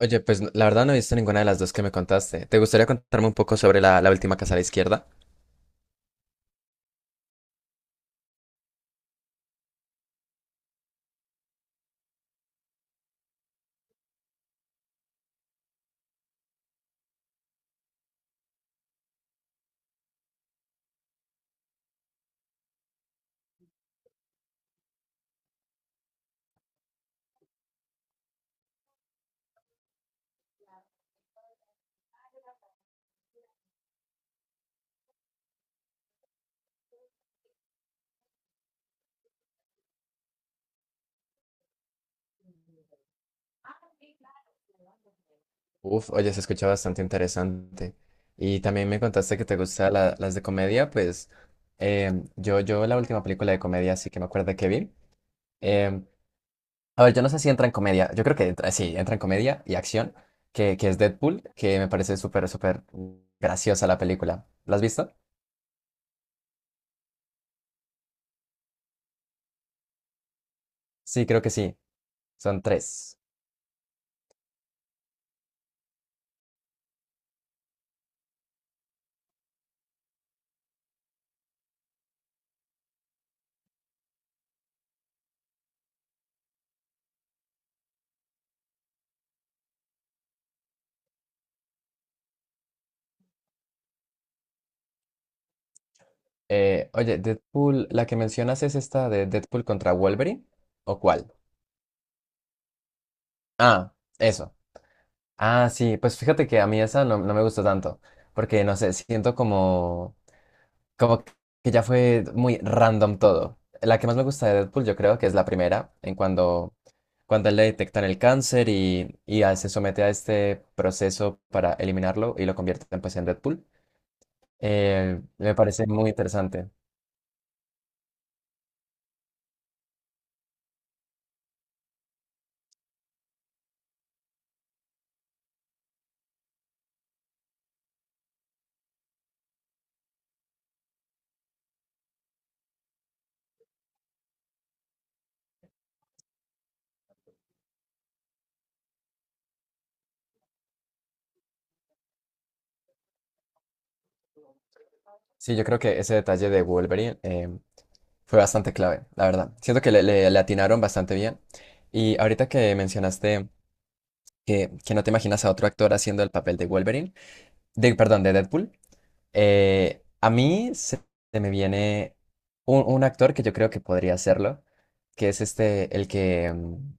Oye, pues la verdad no he visto ninguna de las dos que me contaste. ¿Te gustaría contarme un poco sobre la última casa a la izquierda? Uf, oye, se escucha bastante interesante. Y también me contaste que te gustan las de comedia, pues yo la última película de comedia sí que me acuerdo que vi. em, a ver, yo no sé si entra en comedia, yo creo que entra, sí, entra en comedia y acción, que es Deadpool, que me parece súper, súper graciosa la película. ¿La has visto? Sí, creo que sí. Son tres. Oye, Deadpool, la que mencionas es esta de Deadpool contra Wolverine, ¿o cuál? Ah, eso. Ah, sí, pues fíjate que a mí esa no me gustó tanto, porque no sé, siento como que ya fue muy random todo. La que más me gusta de Deadpool, yo creo que es la primera, en cuando a él le detectan el cáncer y a él se somete a este proceso para eliminarlo y lo convierten pues en Deadpool. Me parece muy interesante. Sí, yo creo que ese detalle de Wolverine, fue bastante clave, la verdad. Siento que le atinaron bastante bien. Y ahorita que mencionaste que no te imaginas a otro actor haciendo el papel de Wolverine, perdón, de Deadpool, eh, a mí se, se me viene un actor que yo creo que podría hacerlo, que es este,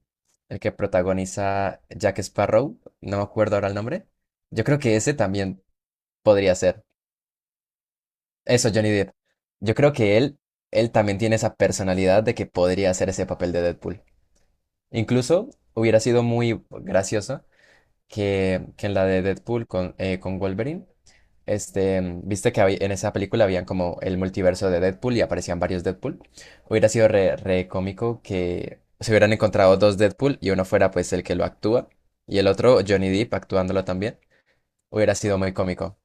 el que protagoniza Jack Sparrow, no me acuerdo ahora el nombre. Yo creo que ese también podría ser. Eso, Johnny Depp. Yo creo que él también tiene esa personalidad de que podría hacer ese papel de Deadpool. Incluso hubiera sido muy gracioso que en la de Deadpool con Wolverine, viste que en esa película habían como el multiverso de Deadpool y aparecían varios Deadpool. Hubiera sido re cómico que se hubieran encontrado dos Deadpool y uno fuera pues el que lo actúa y el otro Johnny Depp actuándolo también. Hubiera sido muy cómico.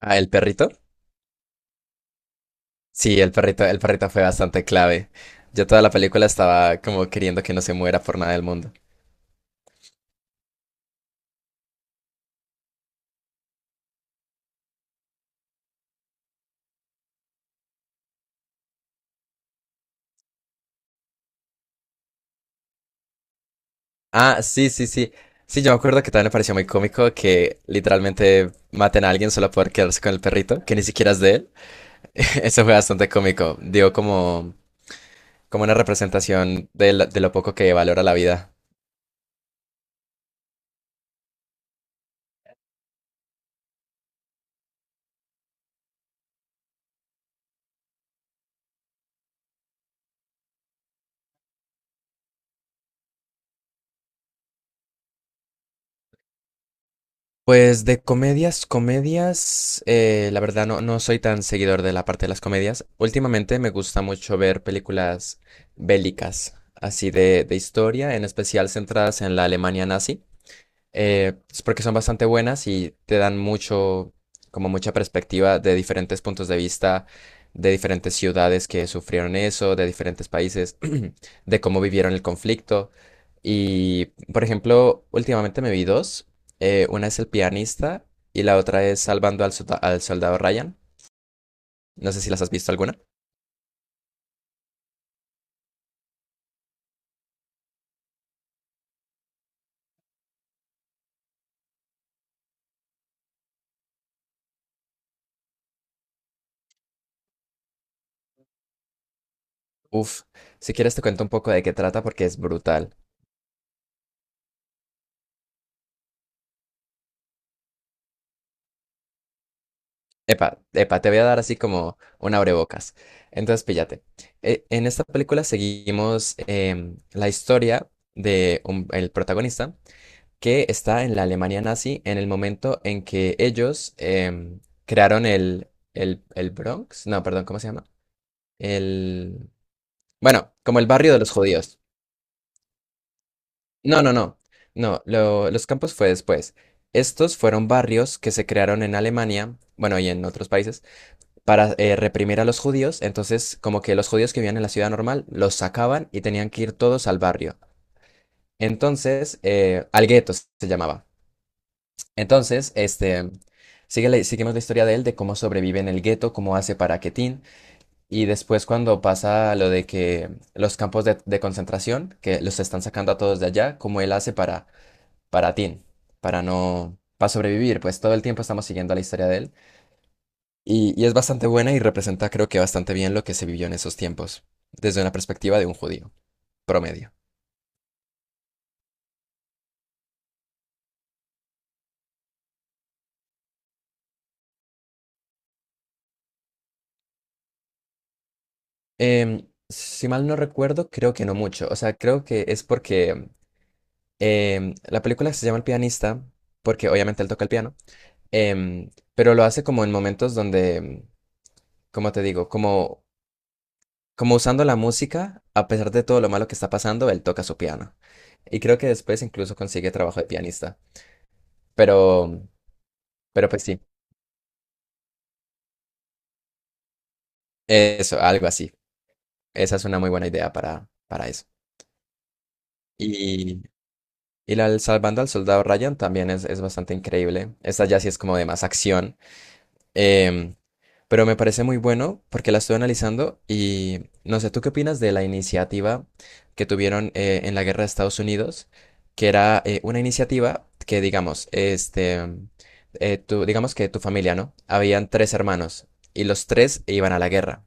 Ah, ¿el perrito? Sí, el perrito fue bastante clave. Yo toda la película estaba como queriendo que no se muera por nada del mundo. Ah, sí, sí, sí. Sí, yo me acuerdo que también me pareció muy cómico que literalmente maten a alguien solo por quedarse con el perrito, que ni siquiera es de él. Eso fue bastante cómico. Dio como una representación de lo poco que valora la vida. Pues de comedias, comedias, la verdad no soy tan seguidor de la parte de las comedias. Últimamente me gusta mucho ver películas bélicas, así de historia, en especial centradas en la Alemania nazi, es porque son bastante buenas y te dan mucho, como mucha perspectiva de diferentes puntos de vista, de diferentes ciudades que sufrieron eso, de diferentes países, de cómo vivieron el conflicto. Y, por ejemplo, últimamente me vi dos. Una es El Pianista y la otra es Salvando al Soldado Ryan. No sé si las has visto alguna. Uf, si quieres te cuento un poco de qué trata porque es brutal. Epa, epa, te voy a dar así como un abrebocas. Entonces, píllate. En esta película seguimos la historia de el protagonista que está en la Alemania nazi en el momento en que ellos crearon el Bronx. No, perdón, ¿cómo se llama? El... Bueno, como el barrio de los judíos. No, no, no. No, los campos fue después. Estos fueron barrios que se crearon en Alemania, bueno, y en otros países para reprimir a los judíos, entonces como que los judíos que vivían en la ciudad normal los sacaban y tenían que ir todos al barrio. Entonces, al gueto se llamaba. Entonces, este, seguimos la historia de él, de cómo sobrevive en el gueto, cómo hace para que Tin, y después cuando pasa lo de que los campos de concentración, que los están sacando a todos de allá, cómo él hace para Tin, para no, para sobrevivir, pues todo el tiempo estamos siguiendo la historia de él. Y es bastante buena y representa creo que bastante bien lo que se vivió en esos tiempos, desde una perspectiva de un judío promedio. Si mal no recuerdo, creo que no mucho. O sea, creo que es porque la película se llama El Pianista, porque obviamente él toca el piano, pero lo hace como en momentos donde, em, como te digo, como, como usando la música, a pesar de todo lo malo que está pasando, él toca su piano. Y creo que después incluso consigue trabajo de pianista. Pero, pero pues sí, eso, algo así. Esa es una muy buena idea para eso. Y, y la del Salvando al Soldado Ryan también es bastante increíble. Esta ya sí es como de más acción. em, pero me parece muy bueno porque la estuve analizando y no sé, ¿tú qué opinas de la iniciativa que tuvieron en la guerra de Estados Unidos? Que era una iniciativa que, digamos, este, digamos que tu familia, ¿no? Habían tres hermanos y los tres iban a la guerra.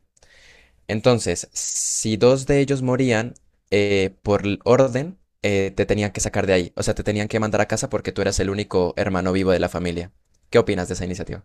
Entonces, si dos de ellos morían orden, te tenían que sacar de ahí. O sea, te tenían que mandar a casa porque tú eras el único hermano vivo de la familia. ¿Qué opinas de esa iniciativa?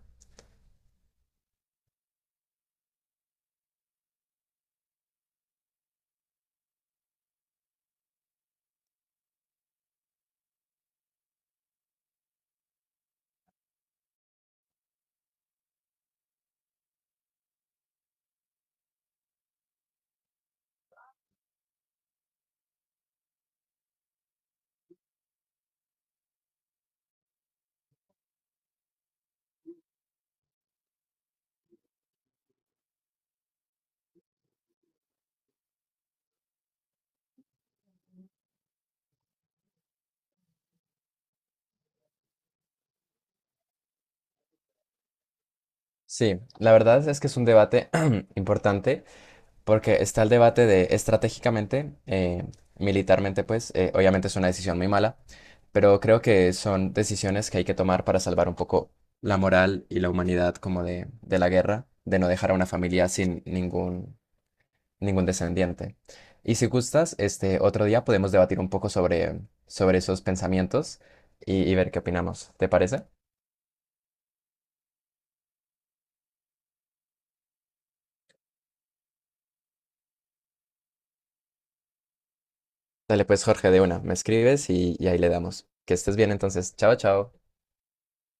Sí, la verdad es que es un debate importante. Porque está el debate de estratégicamente, militarmente, pues, obviamente es una decisión muy mala, pero creo que son decisiones que hay que tomar para salvar un poco la moral y la humanidad como de la guerra, de no dejar a una familia sin ningún descendiente. Y si gustas, este otro día podemos debatir un poco sobre esos pensamientos y ver qué opinamos. ¿Te parece? Dale pues, Jorge, de una, me escribes y ahí le damos. Que estés bien entonces. Chao, chao.